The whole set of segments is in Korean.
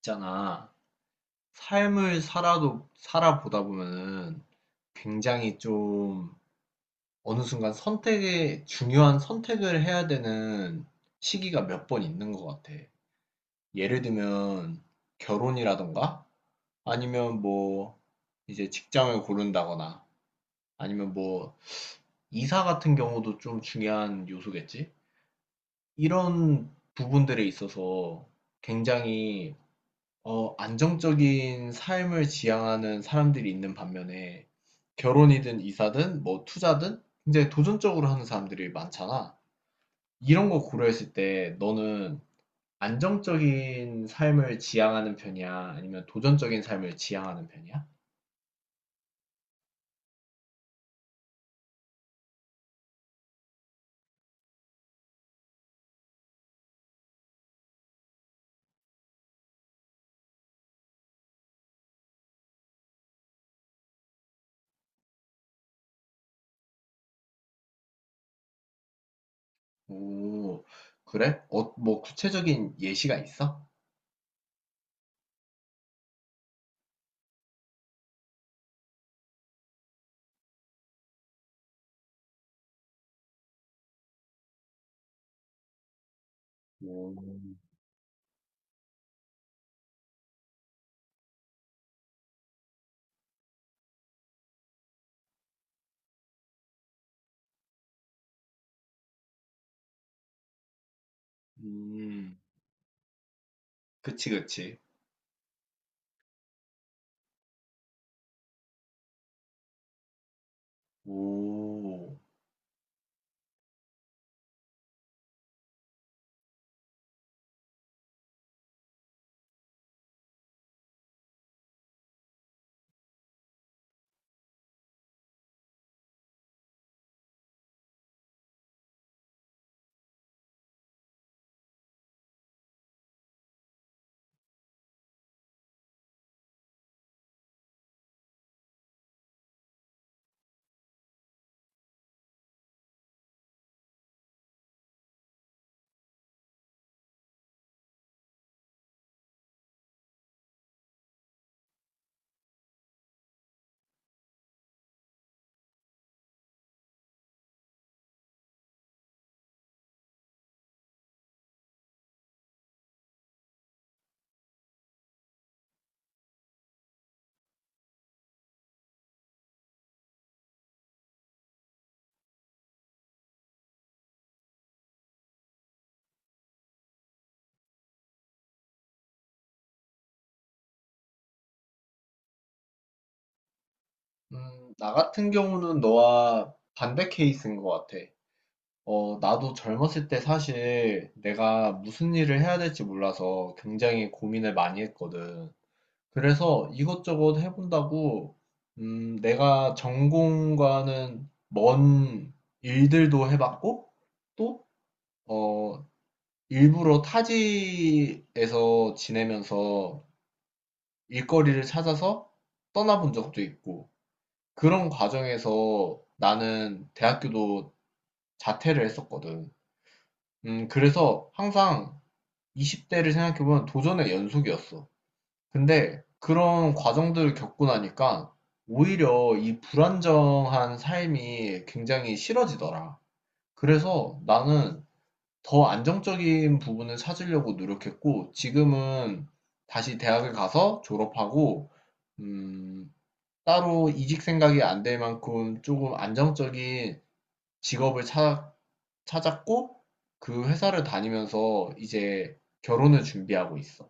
있잖아. 삶을 살아도, 살아보다 보면은 굉장히 좀 어느 순간 선택에, 중요한 선택을 해야 되는 시기가 몇 번 있는 것 같아. 예를 들면 결혼이라던가 아니면 뭐 이제 직장을 고른다거나 아니면 뭐 이사 같은 경우도 좀 중요한 요소겠지? 이런 부분들에 있어서 굉장히 안정적인 삶을 지향하는 사람들이 있는 반면에 결혼이든 이사든 뭐 투자든 굉장히 도전적으로 하는 사람들이 많잖아. 이런 거 고려했을 때 너는 안정적인 삶을 지향하는 편이야? 아니면 도전적인 삶을 지향하는 편이야? 오, 그래? 뭐 구체적인 예시가 있어? 오. 음. 그치, 그치. 오. 음. 나 같은 경우는 너와 반대 케이스인 것 같아. 나도 젊었을 때 사실 내가 무슨 일을 해야 될지 몰라서 굉장히 고민을 많이 했거든. 그래서 이것저것 해본다고, 내가 전공과는 먼 일들도 해봤고, 또, 어, 일부러 타지에서 지내면서 일거리를 찾아서 떠나본 적도 있고, 그런 과정에서 나는 대학교도 자퇴를 했었거든. 그래서 항상 이십 대를 생각해보면 도전의 연속이었어. 근데 그런 과정들을 겪고 나니까 오히려 이 불안정한 삶이 굉장히 싫어지더라. 그래서 나는 더 안정적인 부분을 찾으려고 노력했고, 지금은 다시 대학을 가서 졸업하고, 음, 따로 이직 생각이 안 될 만큼 조금 안정적인 직업을 찾았고, 그 회사를 다니면서 이제 결혼을 준비하고 있어.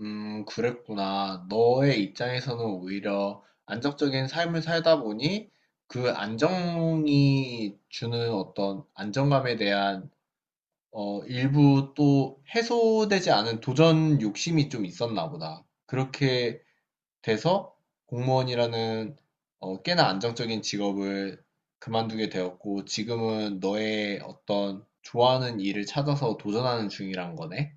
그랬구나. 너의 입장에서는 오히려 안정적인 삶을 살다 보니 그 안정이 주는 어떤 안정감에 대한 일부 또 해소되지 않은 도전 욕심이 좀 있었나 보다. 그렇게 돼서 공무원이라는 꽤나 안정적인 직업을 그만두게 되었고 지금은 너의 어떤 좋아하는 일을 찾아서 도전하는 중이란 거네.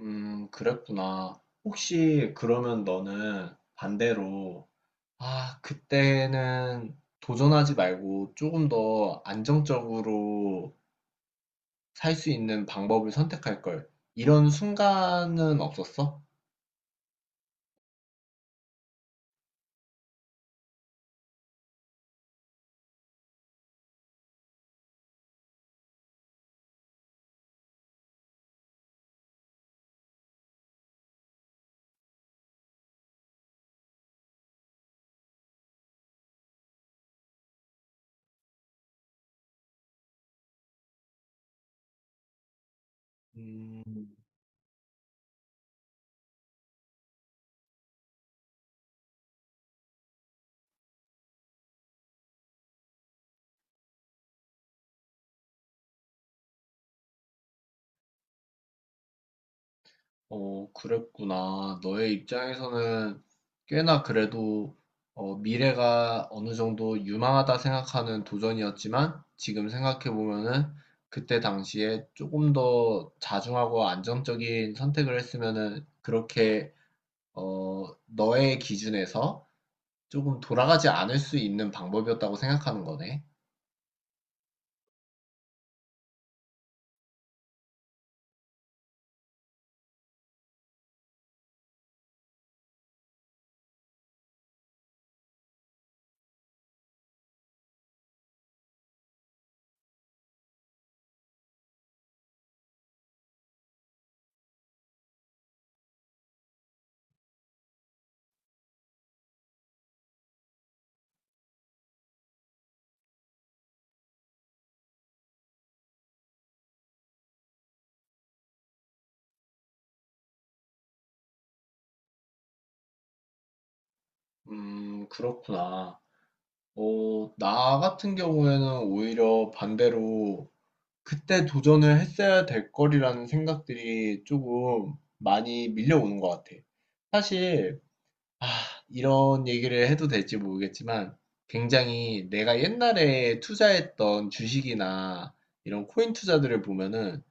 그랬구나. 혹시 그러면 너는 반대로, 아, 그때는 도전하지 말고 조금 더 안정적으로 살 수 있는 방법을 선택할 걸. 이런 순간은 없었어? 음. 그랬구나. 너의 입장에서는 꽤나 그래도 미래가 어느 정도 유망하다 생각하는 도전이었지만 지금 생각해보면은 그때 당시에 조금 더 자중하고 안정적인 선택을 했으면은 그렇게 너의 기준에서 조금 돌아가지 않을 수 있는 방법이었다고 생각하는 거네. 그렇구나. 나 같은 경우에는 오히려 반대로 그때 도전을 했어야 될 거리라는 생각들이 조금 많이 밀려오는 것 같아. 사실 아 이런 얘기를 해도 될지 모르겠지만 굉장히 내가 옛날에 투자했던 주식이나 이런 코인 투자들을 보면은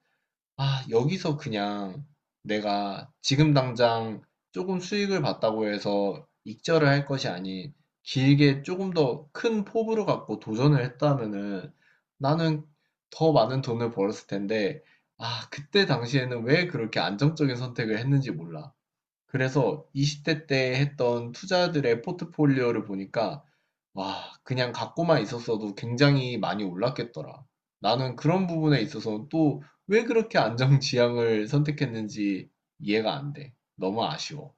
아, 여기서 그냥 내가 지금 당장 조금 수익을 봤다고 해서 익절을 할 것이 아닌 길게 조금 더 큰 포부를 갖고 도전을 했다면은 나는 더 많은 돈을 벌었을 텐데, 아, 그때 당시에는 왜 그렇게 안정적인 선택을 했는지 몰라. 그래서 20대 때 했던 투자들의 포트폴리오를 보니까 와, 그냥 갖고만 있었어도 굉장히 많이 올랐겠더라. 나는 그런 부분에 있어서 또 왜 그렇게 안정지향을 선택했는지 이해가 안 돼. 너무 아쉬워.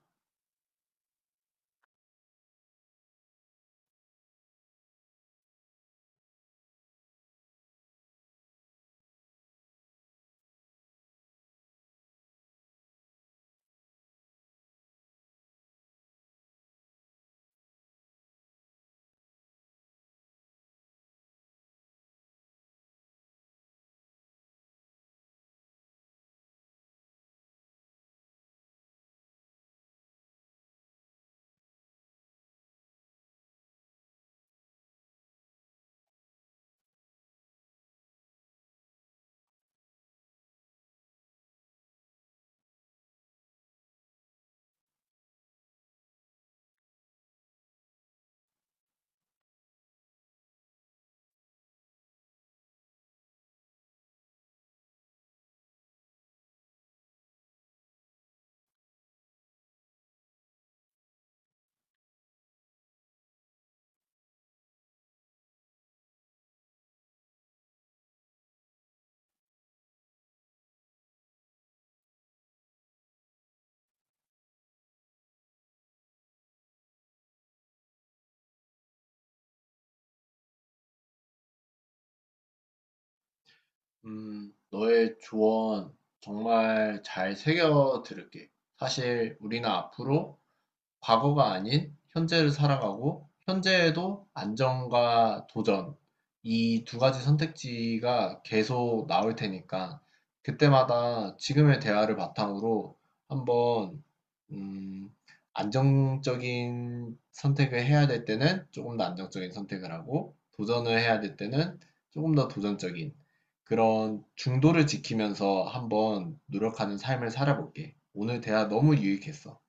너의 조언 정말 잘 새겨 들을게. 사실 우리는 앞으로 과거가 아닌 현재를 살아가고 현재에도 안정과 도전 이 두 가지 선택지가 계속 나올 테니까 그때마다 지금의 대화를 바탕으로 한번 음, 안정적인 선택을 해야 될 때는 조금 더 안정적인 선택을 하고 도전을 해야 될 때는 조금 더 도전적인 그런 중도를 지키면서 한번 노력하는 삶을 살아볼게. 오늘 대화 너무 유익했어.